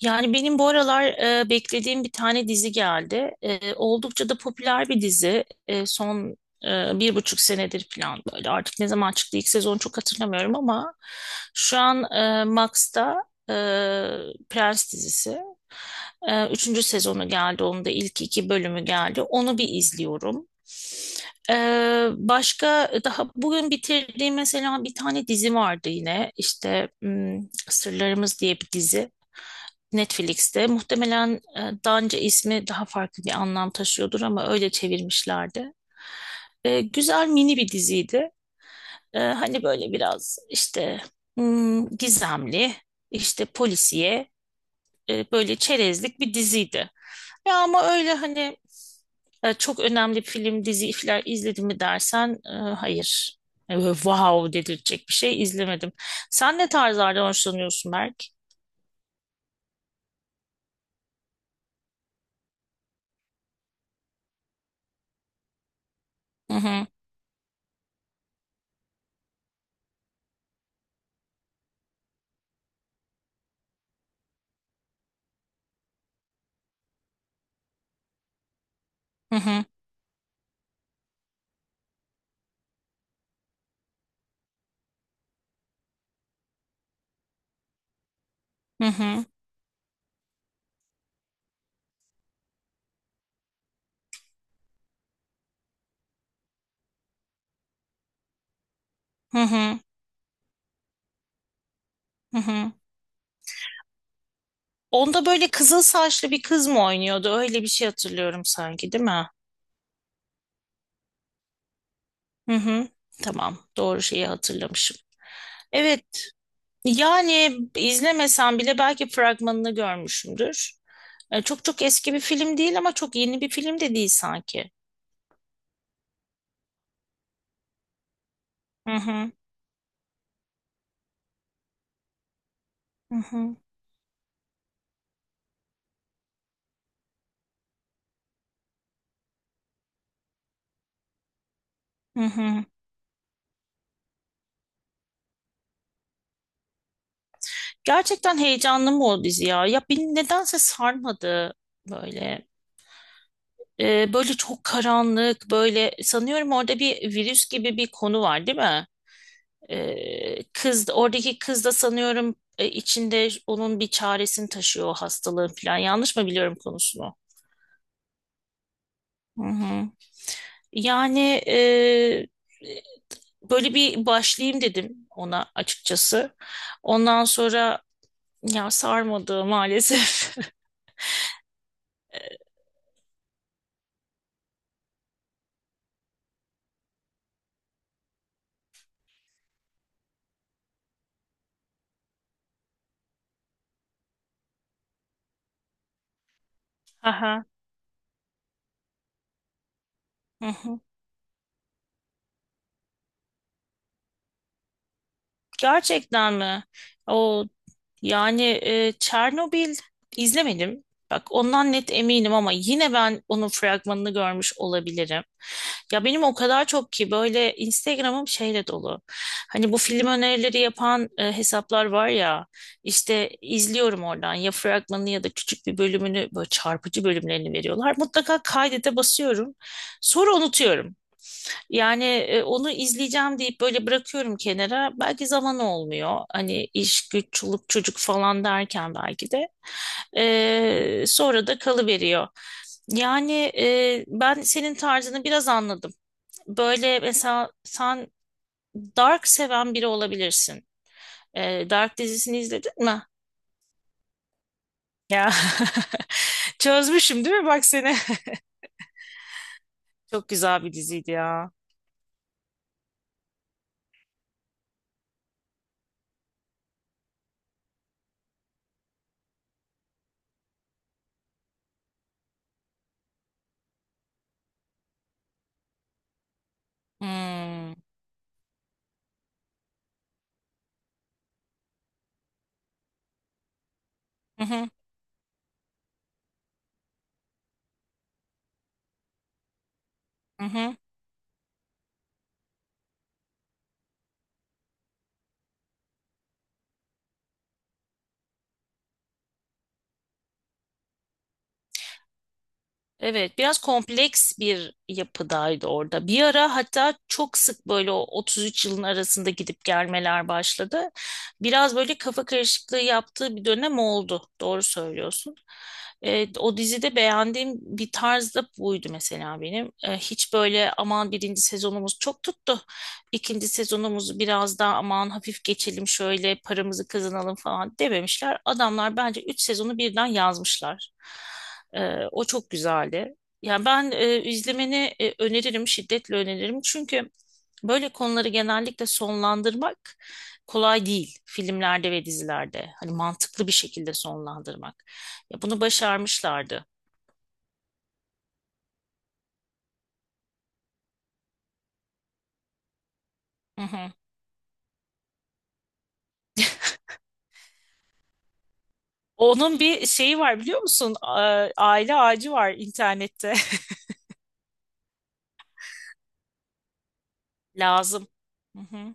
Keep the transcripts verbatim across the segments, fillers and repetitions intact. Yani benim bu aralar e, beklediğim bir tane dizi geldi. E, oldukça da popüler bir dizi. E, son e, bir buçuk senedir falan böyle. Artık ne zaman çıktı ilk sezon çok hatırlamıyorum ama şu an e, Max'ta, e, Prens dizisi. E, üçüncü sezonu geldi. Onun da ilk iki bölümü geldi. Onu bir izliyorum. E, Başka daha bugün bitirdiğim mesela bir tane dizi vardı yine. İşte hmm, Sırlarımız diye bir dizi. Netflix'te. Muhtemelen e, daha önce ismi daha farklı bir anlam taşıyordur ama öyle çevirmişlerdi. E, güzel mini bir diziydi. E, hani böyle biraz işte hmm, gizemli, işte polisiye, e, böyle çerezlik bir diziydi. Ya ama öyle hani e, çok önemli film, dizi, filer izledim mi dersen, e, hayır. E, böyle wow dedirtecek bir şey izlemedim. Sen ne tarzlardan hoşlanıyorsun Berk? Hı hı, hı hı, hı hı, hı hı. Hı hı. Onda böyle kızıl saçlı bir kız mı oynuyordu? Öyle bir şey hatırlıyorum sanki, değil mi? Hı hı. Tamam, doğru şeyi hatırlamışım. Evet, yani izlemesem bile belki fragmanını görmüşümdür. E, çok çok eski bir film değil ama çok yeni bir film de değil sanki. Hı hı. Hı hı. Hı hı. Gerçekten heyecanlı mı o dizi ya? Ya beni nedense sarmadı böyle. E, böyle çok karanlık, böyle sanıyorum orada bir virüs gibi bir konu var, değil mi? Ee, kız oradaki kız da sanıyorum e, içinde onun bir çaresini taşıyor o hastalığın falan. Yanlış mı biliyorum konusunu? Hı hı. Yani e, böyle bir başlayayım dedim ona açıkçası. Ondan sonra ya sarmadı maalesef. Aha. Hı hı. Gerçekten mi? O, yani e, Çernobil izlemedim. Bak ondan net eminim ama yine ben onun fragmanını görmüş olabilirim. Ya benim o kadar çok ki böyle Instagram'ım şeyle dolu. Hani bu film önerileri yapan e, hesaplar var ya, işte izliyorum oradan ya fragmanını ya da küçük bir bölümünü böyle çarpıcı bölümlerini veriyorlar. Mutlaka kaydete basıyorum. Sonra unutuyorum. Yani e, onu izleyeceğim deyip böyle bırakıyorum kenara. Belki zaman olmuyor. Hani iş, güç, çoluk, çocuk falan derken belki de. E, sonra da kalıveriyor. Yani e, ben senin tarzını biraz anladım. Böyle mesela sen Dark seven biri olabilirsin. E, Dark dizisini izledin mi? Ya çözmüşüm değil mi bak seni? Çok güzel bir diziydi ya. Hmm. Hı hı, hı hı. Evet, biraz kompleks bir yapıdaydı orada. Bir ara hatta çok sık böyle o otuz üç yılın arasında gidip gelmeler başladı. Biraz böyle kafa karışıklığı yaptığı bir dönem oldu. Doğru söylüyorsun. Evet, o dizide beğendiğim bir tarz da buydu mesela benim. Ee, hiç böyle aman birinci sezonumuz çok tuttu. İkinci sezonumuzu biraz daha aman hafif geçelim şöyle paramızı kazanalım falan dememişler. Adamlar bence üç sezonu birden yazmışlar. Ee, o çok güzeldi. Yani ben e, izlemeni e, öneririm, şiddetle öneririm. Çünkü böyle konuları genellikle sonlandırmak kolay değil filmlerde ve dizilerde. Hani mantıklı bir şekilde sonlandırmak. Ya bunu başarmışlardı. Hı hı. Onun bir şeyi var biliyor musun? A- Aile ağacı var internette. Lazım. Hı hı.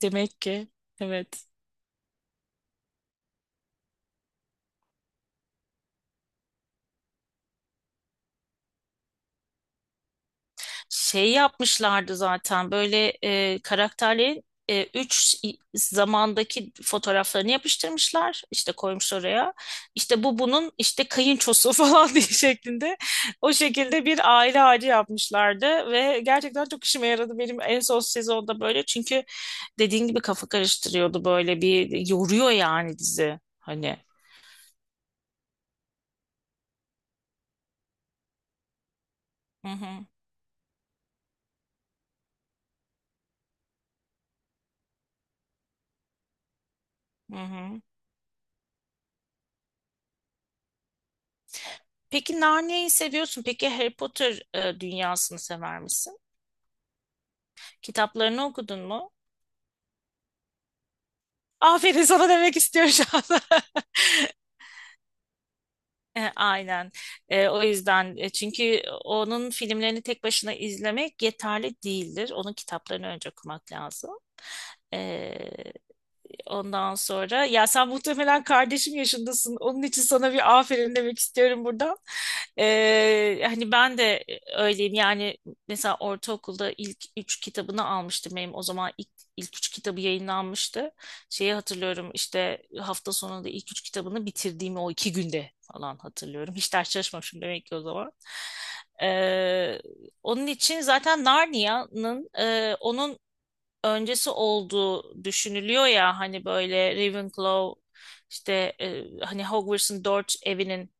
Demek ki. Evet. Şey yapmışlardı zaten böyle e, karakterlerin e, üç zamandaki fotoğraflarını yapıştırmışlar. İşte koymuş oraya. İşte bu bunun işte kayınçosu falan diye şeklinde. O şekilde bir aile ağacı yapmışlardı ve gerçekten çok işime yaradı benim en son sezonda böyle. Çünkü dediğin gibi kafa karıştırıyordu böyle bir yoruyor yani dizi. Hani. Hı hı. Hı hı. Peki Narnia'yı seviyorsun. Peki Harry Potter e, dünyasını sever misin? Kitaplarını okudun mu? Aferin sana demek istiyorum şu anda. E, Aynen. E, o yüzden, e, çünkü onun filmlerini tek başına izlemek yeterli değildir. Onun kitaplarını önce okumak lazım. E, Ondan sonra ya sen muhtemelen kardeşim yaşındasın. Onun için sana bir aferin demek istiyorum buradan. Ee, hani ben de öyleyim. Yani mesela ortaokulda ilk üç kitabını almıştım benim. O zaman ilk, ilk üç kitabı yayınlanmıştı. Şeyi hatırlıyorum işte hafta sonunda ilk üç kitabını bitirdiğimi o iki günde falan hatırlıyorum. Hiç ders çalışmamışım demek ki o zaman. Ee, onun için zaten Narnia'nın e, onun öncesi olduğu düşünülüyor ya hani böyle Ravenclaw işte, e, hani Hogwarts'ın dört evinin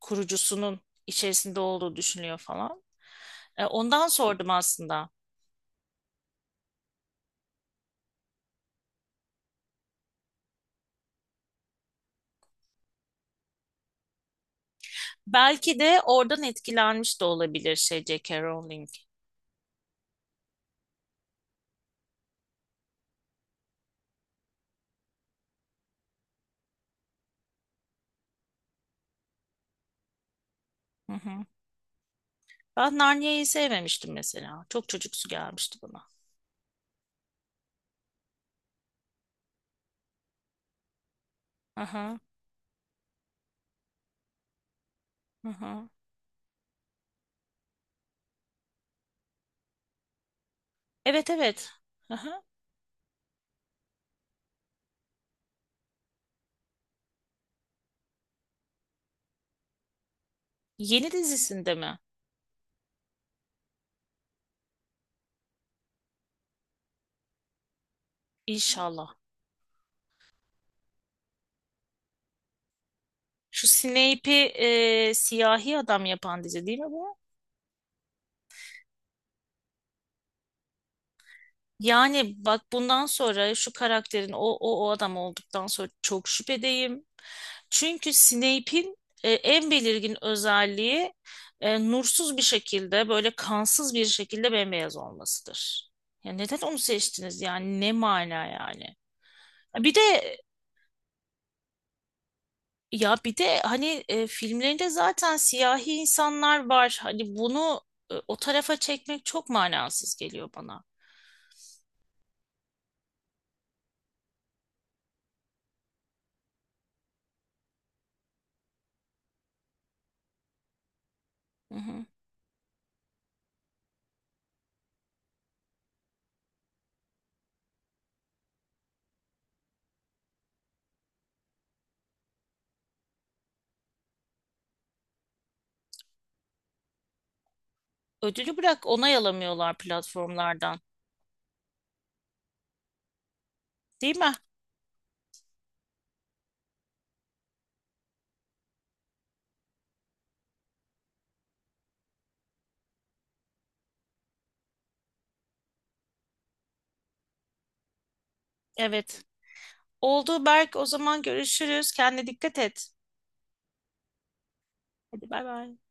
kurucusunun içerisinde olduğu düşünülüyor falan. E, ondan sordum aslında. Belki de oradan etkilenmiş de olabilir şey J K. Rowling. Hı hı. Ben Narnia'yı sevmemiştim mesela. Çok çocuksu gelmişti bana. Hı hı, hı hı. Evet evet. Hı hı. Yeni dizisinde mi? İnşallah. Şu Snape'i e, siyahi adam yapan dizi değil mi bu? Yani bak bundan sonra şu karakterin o o o adam olduktan sonra çok şüphedeyim. Çünkü Snape'in e, en belirgin özelliği e, nursuz bir şekilde böyle kansız bir şekilde bembeyaz olmasıdır. Ya neden onu seçtiniz yani ne mana yani? Bir de ya bir de hani, e, filmlerinde zaten siyahi insanlar var. Hani bunu e, o tarafa çekmek çok manasız geliyor bana. Hı hı. Ödülü bırak onay alamıyorlar platformlardan. Değil mi? Evet. Oldu Berk. O zaman görüşürüz. Kendine dikkat et. Hadi bay bay.